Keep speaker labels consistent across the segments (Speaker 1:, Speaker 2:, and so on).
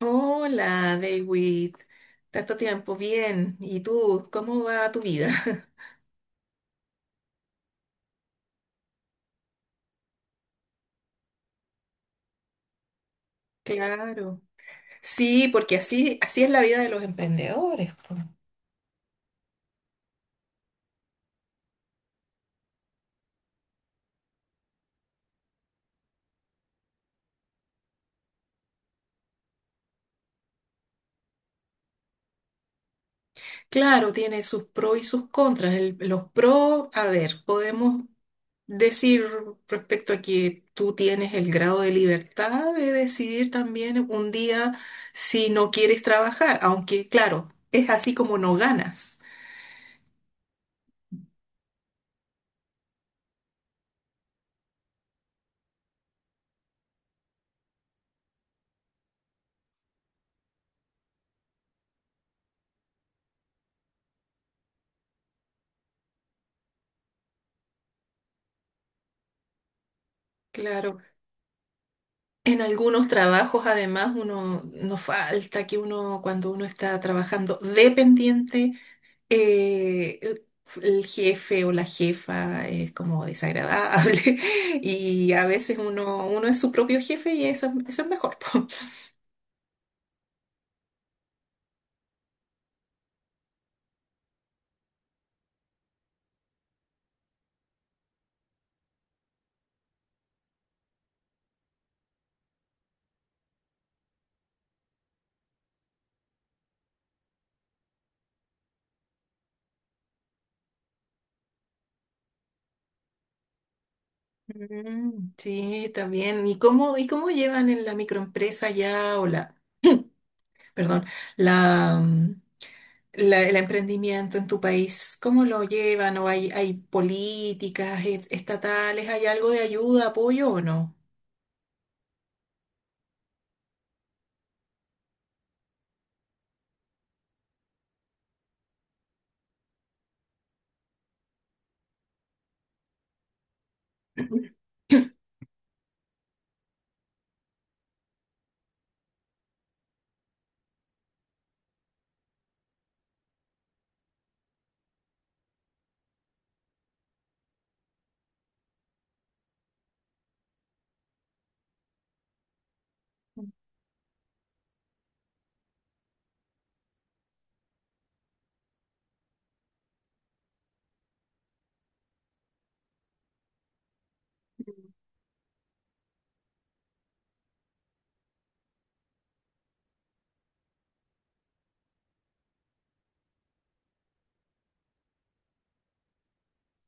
Speaker 1: Hola, David. Tanto tiempo, bien. ¿Y tú? ¿Cómo va tu vida? Claro. Sí, porque así, así es la vida de los emprendedores. Po. Claro, tiene sus pros y sus contras. Los pros, a ver, podemos decir respecto a que tú tienes el grado de libertad de decidir también un día si no quieres trabajar, aunque claro, es así como no ganas. Claro. En algunos trabajos, además, uno nos falta que uno, cuando uno está trabajando dependiente, eh, el jefe o la jefa es como desagradable y a veces uno es su propio jefe y eso es mejor. Po. Mm. Sí, también. ¿Y cómo llevan en la microempresa ya o perdón, la, mm, el emprendimiento en tu país. ¿Cómo lo llevan? ¿O hay políticas estatales? ¿Hay algo de ayuda, apoyo o no?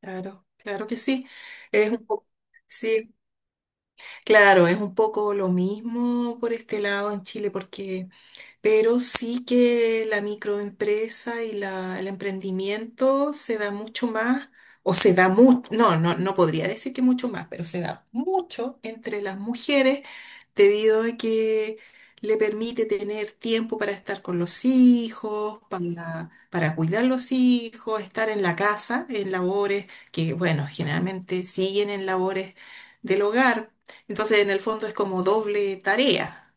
Speaker 1: Claro, claro que sí. Es un poco, sí, claro, es un poco lo mismo por este lado en Chile, porque, pero sí que la microempresa y el emprendimiento se da mucho más, o se da mucho, no, no, no podría decir que mucho más, pero se da mucho entre las mujeres debido a que le permite tener tiempo para estar con los hijos, para cuidar los hijos, estar en la casa, en labores que, bueno, generalmente siguen en labores del hogar. Entonces, en el fondo es como doble tarea,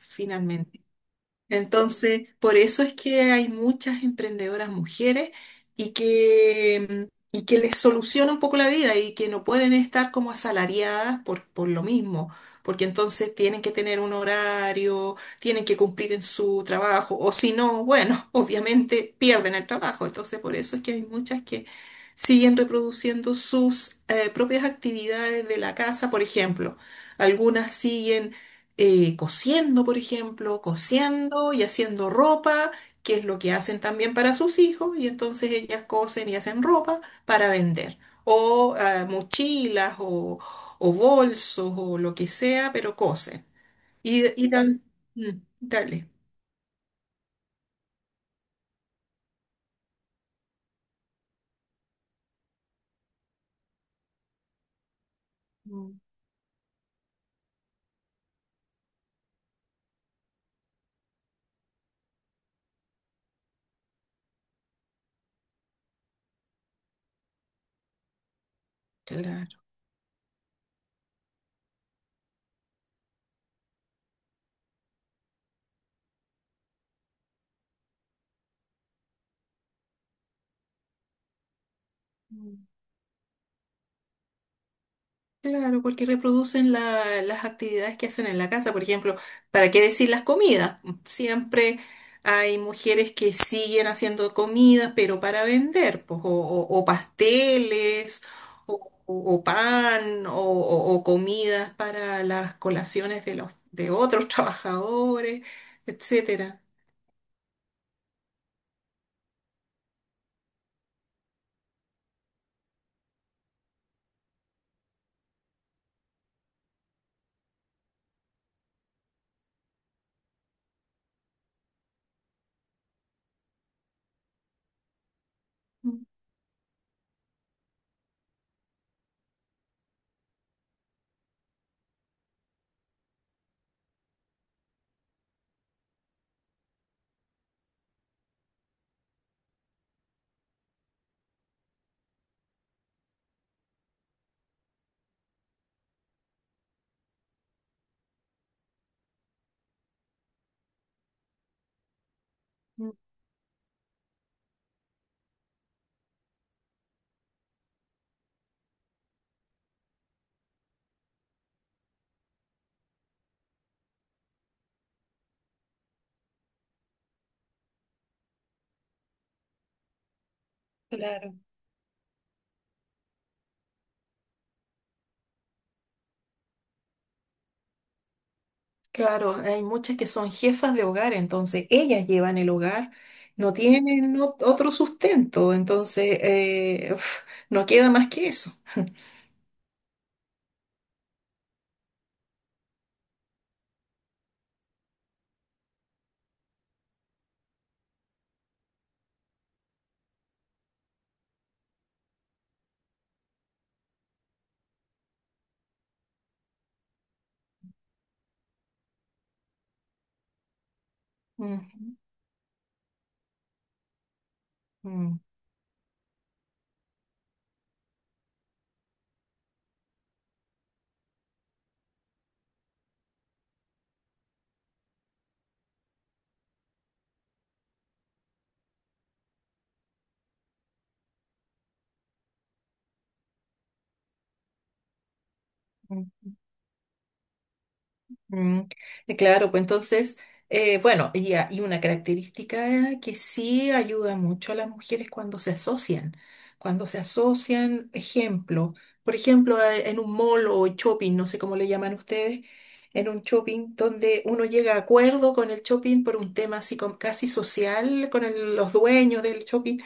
Speaker 1: entonces, por eso es que hay muchas emprendedoras mujeres y que les soluciona un poco la vida y que no pueden estar como asalariadas por lo mismo, porque entonces tienen que tener un horario, tienen que cumplir en su trabajo, o si no, bueno, obviamente pierden el trabajo. Entonces, por eso es que hay muchas que siguen reproduciendo sus propias actividades de la casa, por ejemplo. Algunas siguen cosiendo, por ejemplo, cosiendo y haciendo ropa, que es lo que hacen también para sus hijos, y entonces ellas cosen y hacen ropa para vender, o mochilas, o- o bolsos o lo que sea, pero cosen. Y, y dan- Dale. Mm. Claro. Claro, porque reproducen las actividades que hacen en la casa. Por ejemplo, ¿para qué decir las comidas? Siempre hay mujeres que siguen haciendo comidas, pero para vender, pues, o pasteles, o pan, o comidas para las colaciones de los, de otros trabajadores, etcétera. Mm, mm. Claro. Claro, hay muchas que son jefas de hogar, entonces ellas llevan el hogar, no tienen otro sustento, entonces uf, no queda más que eso. Ujú. Mm. Mm, claro, pues entonces, bueno, y una característica que sí ayuda mucho a las mujeres cuando se asocian, cuando se asocian, ejemplo, por ejemplo, en un mall o shopping, no sé cómo le llaman ustedes, en un shopping donde uno llega a acuerdo con el shopping por un tema así como casi social, con los dueños del shopping,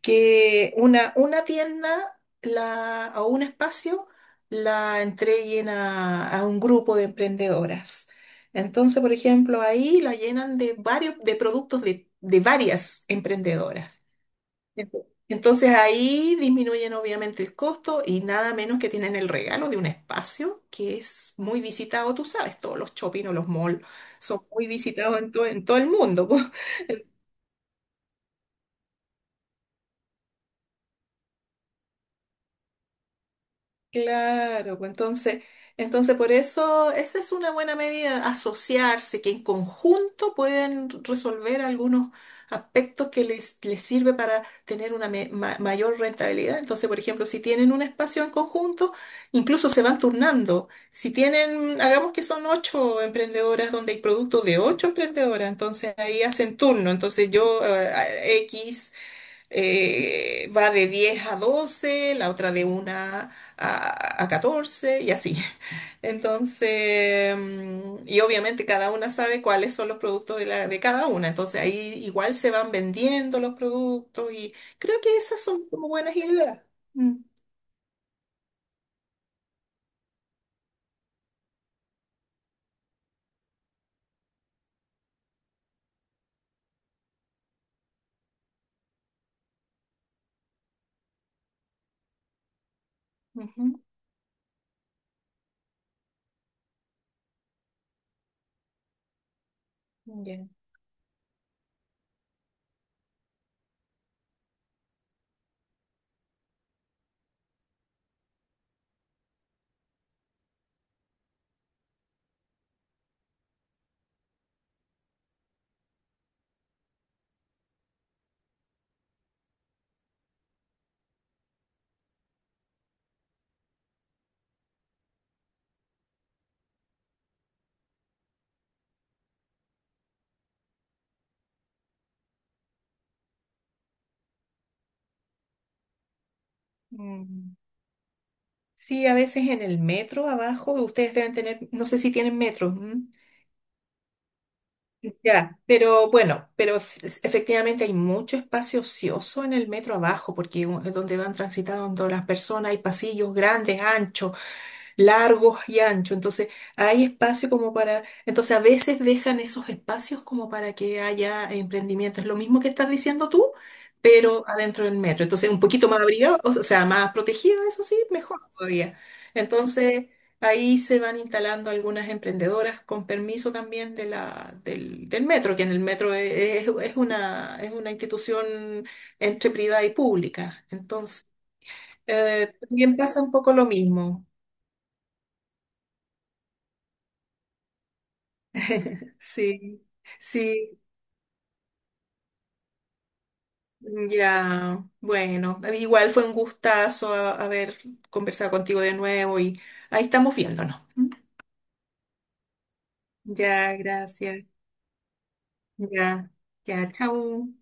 Speaker 1: que una tienda la, o un espacio la entreguen a un grupo de emprendedoras. Entonces, por ejemplo, ahí la llenan de productos de varias emprendedoras. Entonces ahí disminuyen obviamente el costo y nada menos que tienen el regalo de un espacio que es muy visitado, tú sabes, todos los shopping o los malls son muy visitados en, en todo el mundo. Claro, pues entonces, por eso esa es una buena medida, asociarse, que en conjunto pueden resolver algunos aspectos que les sirve para tener una mayor rentabilidad. Entonces, por ejemplo, si tienen un espacio en conjunto, incluso se van turnando. Si tienen, hagamos que son ocho emprendedoras donde hay productos de ocho emprendedoras, entonces ahí hacen turno. Entonces yo, X va de 10 a 12, la otra de 1 a 14 y así. Entonces, mm, y obviamente cada una sabe cuáles son los productos de cada una, entonces ahí igual se van vendiendo los productos y creo que esas son como buenas ideas. Mm. Ujú. Ya. Mm. Sí, a veces en el metro abajo, ustedes deben tener, no sé si tienen metro. Ya, pero bueno, pero efectivamente hay mucho espacio ocioso en el metro abajo, porque es donde van transitando las personas, hay pasillos grandes, anchos, largos y anchos, entonces hay espacio como para, entonces a veces dejan esos espacios como para que haya emprendimiento, es lo mismo que estás diciendo tú, pero adentro del metro, entonces un poquito más abrigado, o sea, más protegido, eso sí, mejor todavía. Entonces ahí se van instalando algunas emprendedoras con permiso también del metro, que en el metro es una institución entre privada y pública, entonces también pasa un poco lo mismo. Sí, sí, ya. Bueno, igual fue un gustazo haber conversado contigo de nuevo y ahí estamos viéndonos. ¿M? Ya, gracias. Ya, ya, chao.